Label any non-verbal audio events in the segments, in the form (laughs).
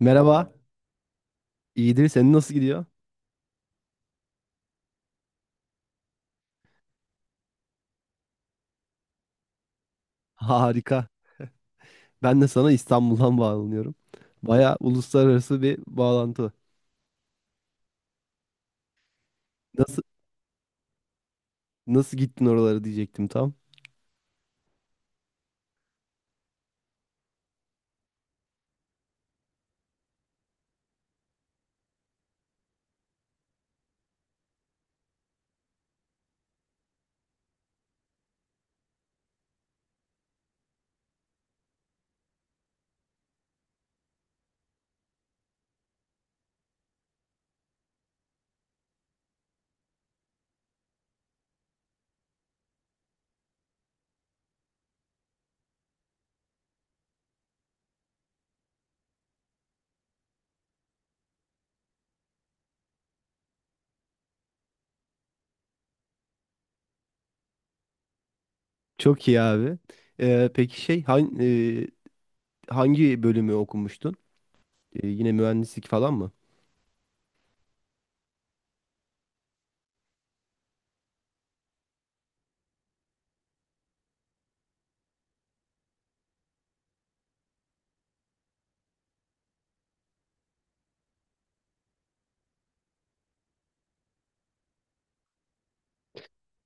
Merhaba, iyidir. Senin nasıl gidiyor? (laughs) Harika. Ben de sana İstanbul'dan (laughs) bağlanıyorum. Baya uluslararası bir bağlantı. Nasıl nasıl gittin oralara diyecektim tam. Çok iyi abi. Peki hangi bölümü okumuştun? Yine mühendislik falan mı?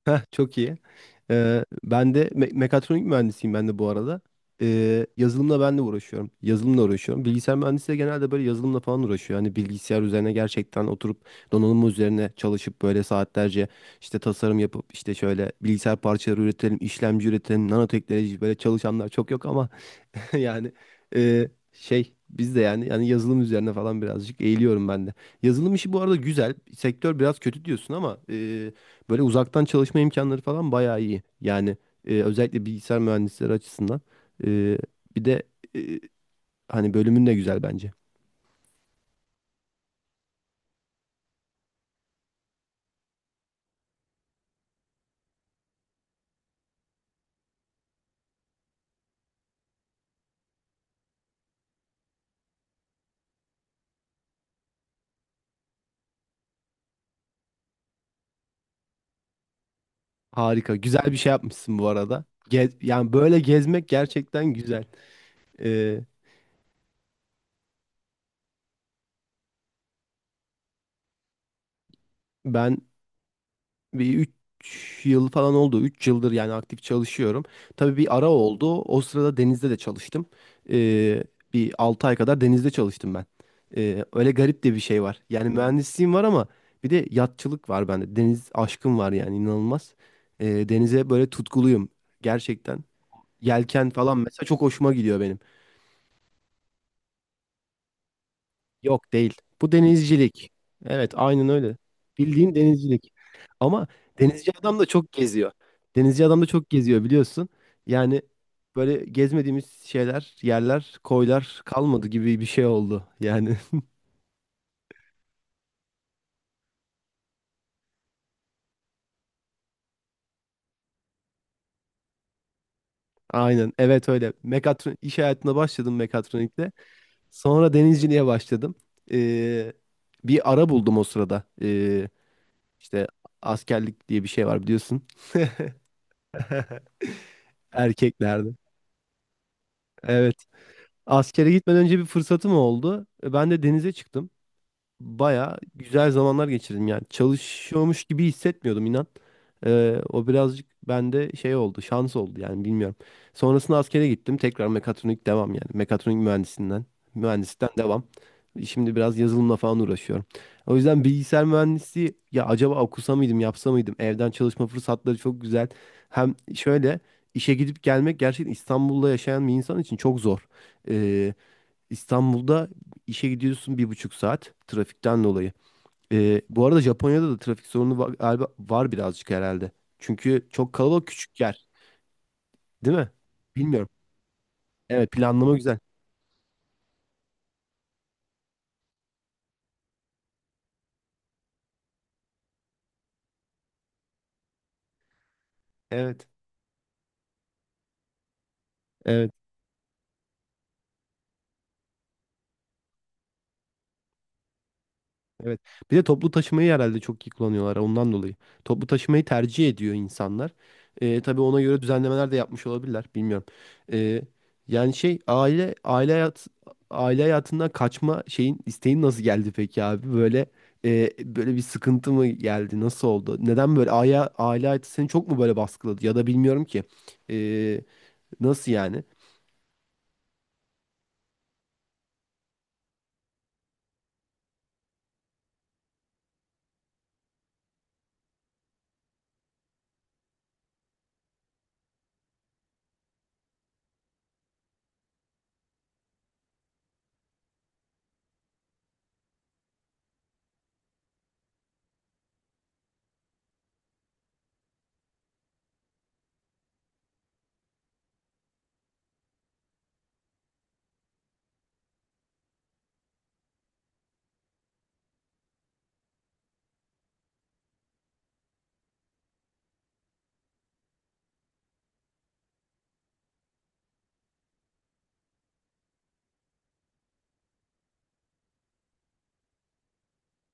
Heh, çok iyi. Ben de mekatronik mühendisiyim ben de bu arada. Yazılımla ben de uğraşıyorum. Yazılımla uğraşıyorum. Bilgisayar mühendisi de genelde böyle yazılımla falan uğraşıyor. Hani bilgisayar üzerine gerçekten oturup donanım üzerine çalışıp böyle saatlerce işte tasarım yapıp işte şöyle bilgisayar parçaları üretelim, işlemci üretelim, nanoteknoloji böyle çalışanlar çok yok ama (laughs) yani şey biz de yani yazılım üzerine falan birazcık eğiliyorum ben de. Yazılım işi bu arada güzel. Sektör biraz kötü diyorsun ama böyle uzaktan çalışma imkanları falan bayağı iyi. Yani özellikle bilgisayar mühendisleri açısından. E, Bir de e, hani bölümün de güzel bence. Harika. Güzel bir şey yapmışsın bu arada. Yani böyle gezmek gerçekten güzel. E, Ben bir 3 yıl falan oldu. Üç yıldır yani aktif çalışıyorum. Tabii bir ara oldu. O sırada denizde de çalıştım. Ee, Bir 6 ay kadar denizde çalıştım ben. Öyle garip de bir şey var. Yani mühendisliğim var ama bir de yatçılık var bende. Deniz aşkım var yani inanılmaz. Denize böyle tutkuluyum gerçekten. Yelken falan mesela çok hoşuma gidiyor benim. Yok değil. Bu denizcilik. Evet, aynen öyle. Bildiğin denizcilik. Ama denizci adam da çok geziyor. Denizci adam da çok geziyor biliyorsun. Yani böyle gezmediğimiz şeyler, yerler, koylar kalmadı gibi bir şey oldu. Yani (laughs) aynen evet öyle. Mekatron iş hayatına başladım mekatronikte. Sonra denizciliğe başladım. Ee, Bir ara buldum o sırada. İşte askerlik diye bir şey var biliyorsun. (laughs) Erkeklerde. Evet. Askere gitmeden önce bir fırsatım oldu. E, ben de denize çıktım. Baya güzel zamanlar geçirdim yani. Çalışıyormuş gibi hissetmiyordum inan. O birazcık bende şey oldu, şans oldu yani bilmiyorum. Sonrasında askere gittim. Tekrar mekatronik devam yani. Mekatronik mühendisinden, mühendisten devam. Şimdi biraz yazılımla falan uğraşıyorum. O yüzden bilgisayar mühendisliği ya acaba okusa mıydım, yapsa mıydım? Evden çalışma fırsatları çok güzel. Hem şöyle işe gidip gelmek gerçekten İstanbul'da yaşayan bir insan için çok zor. E, İstanbul'da işe gidiyorsun bir buçuk saat trafikten dolayı. Bu arada Japonya'da da trafik sorunu var, galiba var birazcık herhalde. Çünkü çok kalabalık küçük yer, değil mi? Bilmiyorum. Evet, planlama güzel. Evet, evet. Evet. Bir de toplu taşımayı herhalde çok iyi kullanıyorlar ondan dolayı. Toplu taşımayı tercih ediyor insanlar. Tabii ona göre düzenlemeler de yapmış olabilirler. Bilmiyorum. Ee, Yani şey aile hayatından kaçma şeyin isteğin nasıl geldi peki abi? Böyle böyle bir sıkıntı mı geldi? Nasıl oldu? Neden böyle aile hayatı seni çok mu böyle baskıladı? Ya da bilmiyorum ki. Ee, Nasıl yani?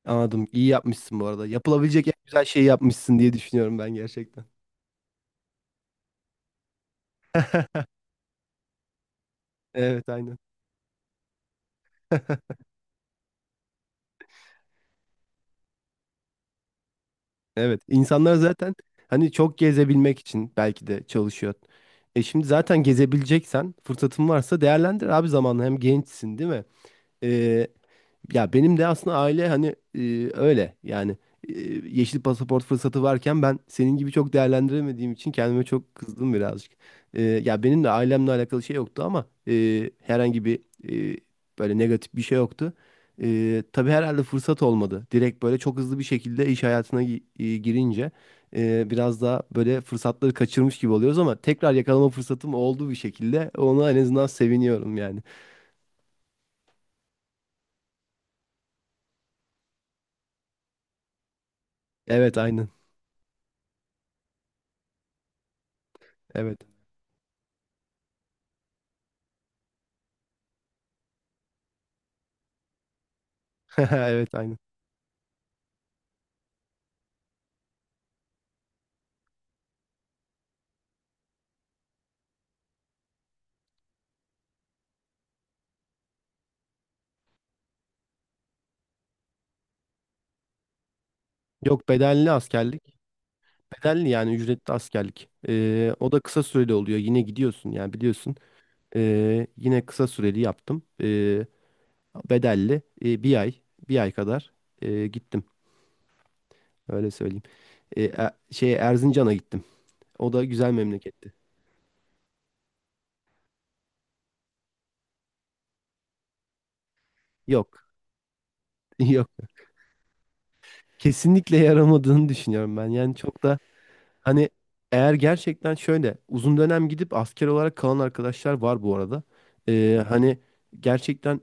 Anladım. İyi yapmışsın bu arada. Yapılabilecek en güzel şeyi yapmışsın diye düşünüyorum ben gerçekten. Evet, aynen. Evet, insanlar zaten hani çok gezebilmek için belki de çalışıyor. E şimdi zaten gezebileceksen, fırsatın varsa değerlendir abi zamanı. Hem gençsin değil mi? Ee, Ya benim de aslında aile hani öyle yani e, yeşil pasaport fırsatı varken ben senin gibi çok değerlendiremediğim için kendime çok kızdım birazcık. Ya benim de ailemle alakalı şey yoktu ama herhangi bir e, böyle negatif bir şey yoktu. Tabii herhalde fırsat olmadı. Direkt böyle çok hızlı bir şekilde iş hayatına girince biraz daha böyle fırsatları kaçırmış gibi oluyoruz ama tekrar yakalama fırsatım oldu bir şekilde. Ona en azından seviniyorum yani. Evet aynen. Evet. (laughs) Evet aynen. Yok bedelli askerlik. Bedelli yani ücretli askerlik. O da kısa süreli oluyor. Yine gidiyorsun yani biliyorsun. Yine kısa süreli yaptım. Bedelli bir ay kadar gittim. Öyle söyleyeyim. Şey Erzincan'a gittim. O da güzel memleketti. Yok. (laughs) Yok. Kesinlikle yaramadığını düşünüyorum ben. Yani çok da hani eğer gerçekten şöyle uzun dönem gidip asker olarak kalan arkadaşlar var bu arada. Hani gerçekten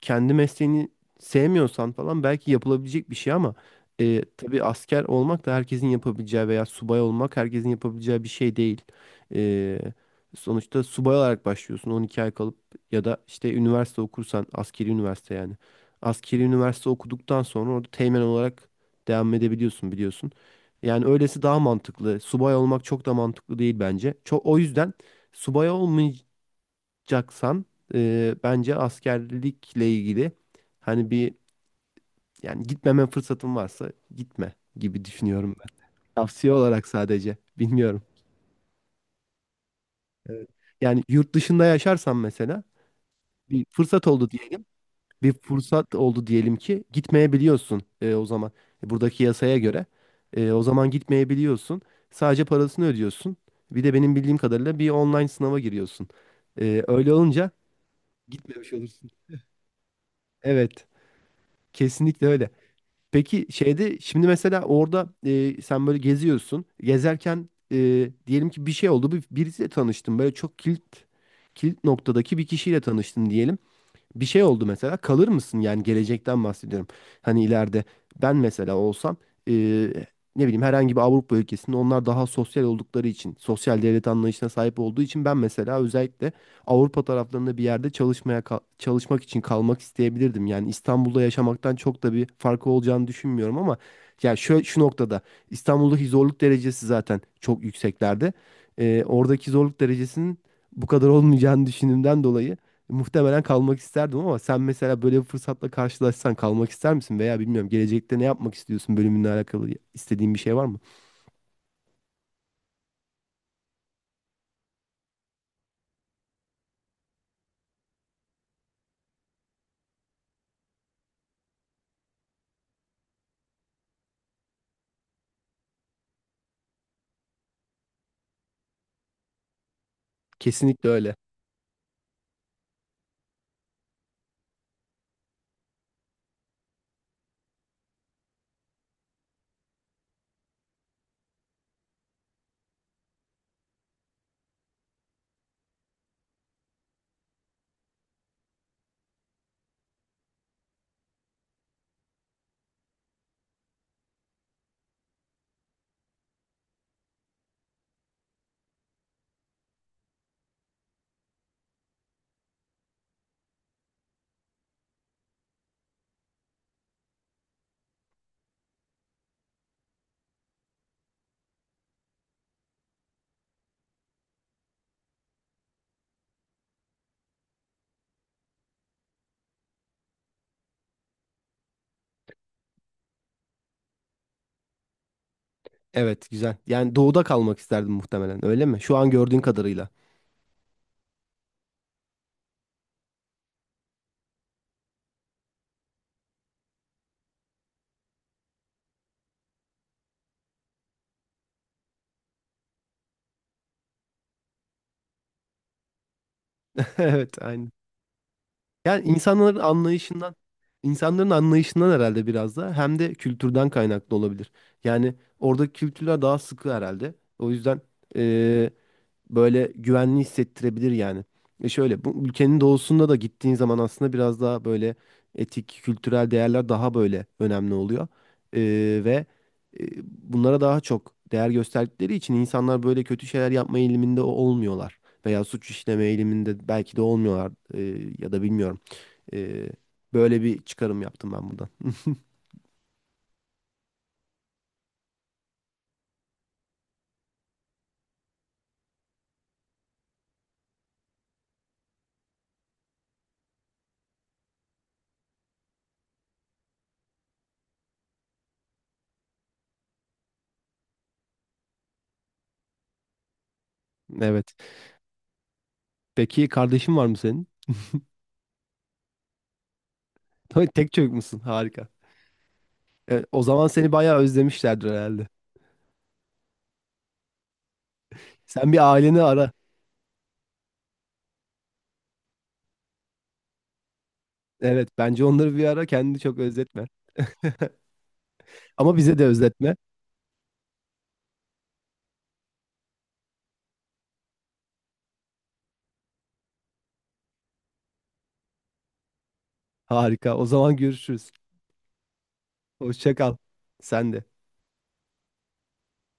kendi mesleğini sevmiyorsan falan belki yapılabilecek bir şey ama tabii asker olmak da herkesin yapabileceği veya subay olmak herkesin yapabileceği bir şey değil. Ee, Sonuçta subay olarak başlıyorsun 12 ay kalıp ya da işte üniversite okursan askeri üniversite yani. Askeri üniversite okuduktan sonra orada teğmen olarak devam edebiliyorsun biliyorsun. Yani öylesi daha mantıklı. Subay olmak çok da mantıklı değil bence. Çok, o yüzden subay olmayacaksan bence askerlikle ilgili hani bir yani gitmeme fırsatın varsa gitme gibi düşünüyorum ben. Tavsiye olarak sadece bilmiyorum. Evet. Yani yurt dışında yaşarsan mesela bir fırsat oldu diyelim. Bir fırsat oldu diyelim ki gitmeyebiliyorsun o zaman E, buradaki yasaya göre. E, o zaman gitmeyebiliyorsun. Sadece parasını ödüyorsun. Bir de benim bildiğim kadarıyla bir online sınava giriyorsun. E, öyle olunca gitmemiş olursun. Evet, kesinlikle öyle. Peki şeyde şimdi mesela orada sen böyle geziyorsun. Gezerken diyelim ki bir şey oldu. Bir, birisiyle tanıştın. Böyle çok kilit noktadaki bir kişiyle tanıştın diyelim. Bir şey oldu mesela kalır mısın? Yani gelecekten bahsediyorum. Hani ileride ben mesela olsam eee, ne bileyim herhangi bir Avrupa ülkesinde onlar daha sosyal oldukları için, sosyal devlet anlayışına sahip olduğu için ben mesela özellikle Avrupa taraflarında bir yerde çalışmaya çalışmak için kalmak isteyebilirdim. Yani İstanbul'da yaşamaktan çok da bir farkı olacağını düşünmüyorum ama ya şu noktada İstanbul'daki zorluk derecesi zaten çok yükseklerde. Oradaki zorluk derecesinin bu kadar olmayacağını düşündüğümden dolayı muhtemelen kalmak isterdim ama sen mesela böyle bir fırsatla karşılaşsan kalmak ister misin? Veya bilmiyorum gelecekte ne yapmak istiyorsun bölümünle alakalı istediğin bir şey var mı? Kesinlikle öyle. Evet güzel. Yani doğuda kalmak isterdim muhtemelen öyle mi? Şu an gördüğün kadarıyla. (laughs) Evet aynı. Yani insanların anlayışından herhalde biraz da hem de kültürden kaynaklı olabilir. Yani orada kültürler daha sıkı herhalde. O yüzden böyle güvenli hissettirebilir yani. E şöyle bu ülkenin doğusunda da gittiğin zaman aslında biraz daha böyle etik, kültürel değerler daha böyle önemli oluyor. E, Ve bunlara daha çok değer gösterdikleri için insanlar böyle kötü şeyler yapma eğiliminde olmuyorlar. Veya suç işleme eğiliminde belki de olmuyorlar ya da bilmiyorum. E, Böyle bir çıkarım yaptım ben buradan. Evet. Peki kardeşin var mı senin? (laughs) Tek çocuk musun? Harika. O zaman seni bayağı özlemişlerdir herhalde. Sen bir aileni ara. Evet bence onları bir ara kendini çok özletme. Ama bize de özletme. Harika. O zaman görüşürüz. Hoşça kal. Sen de.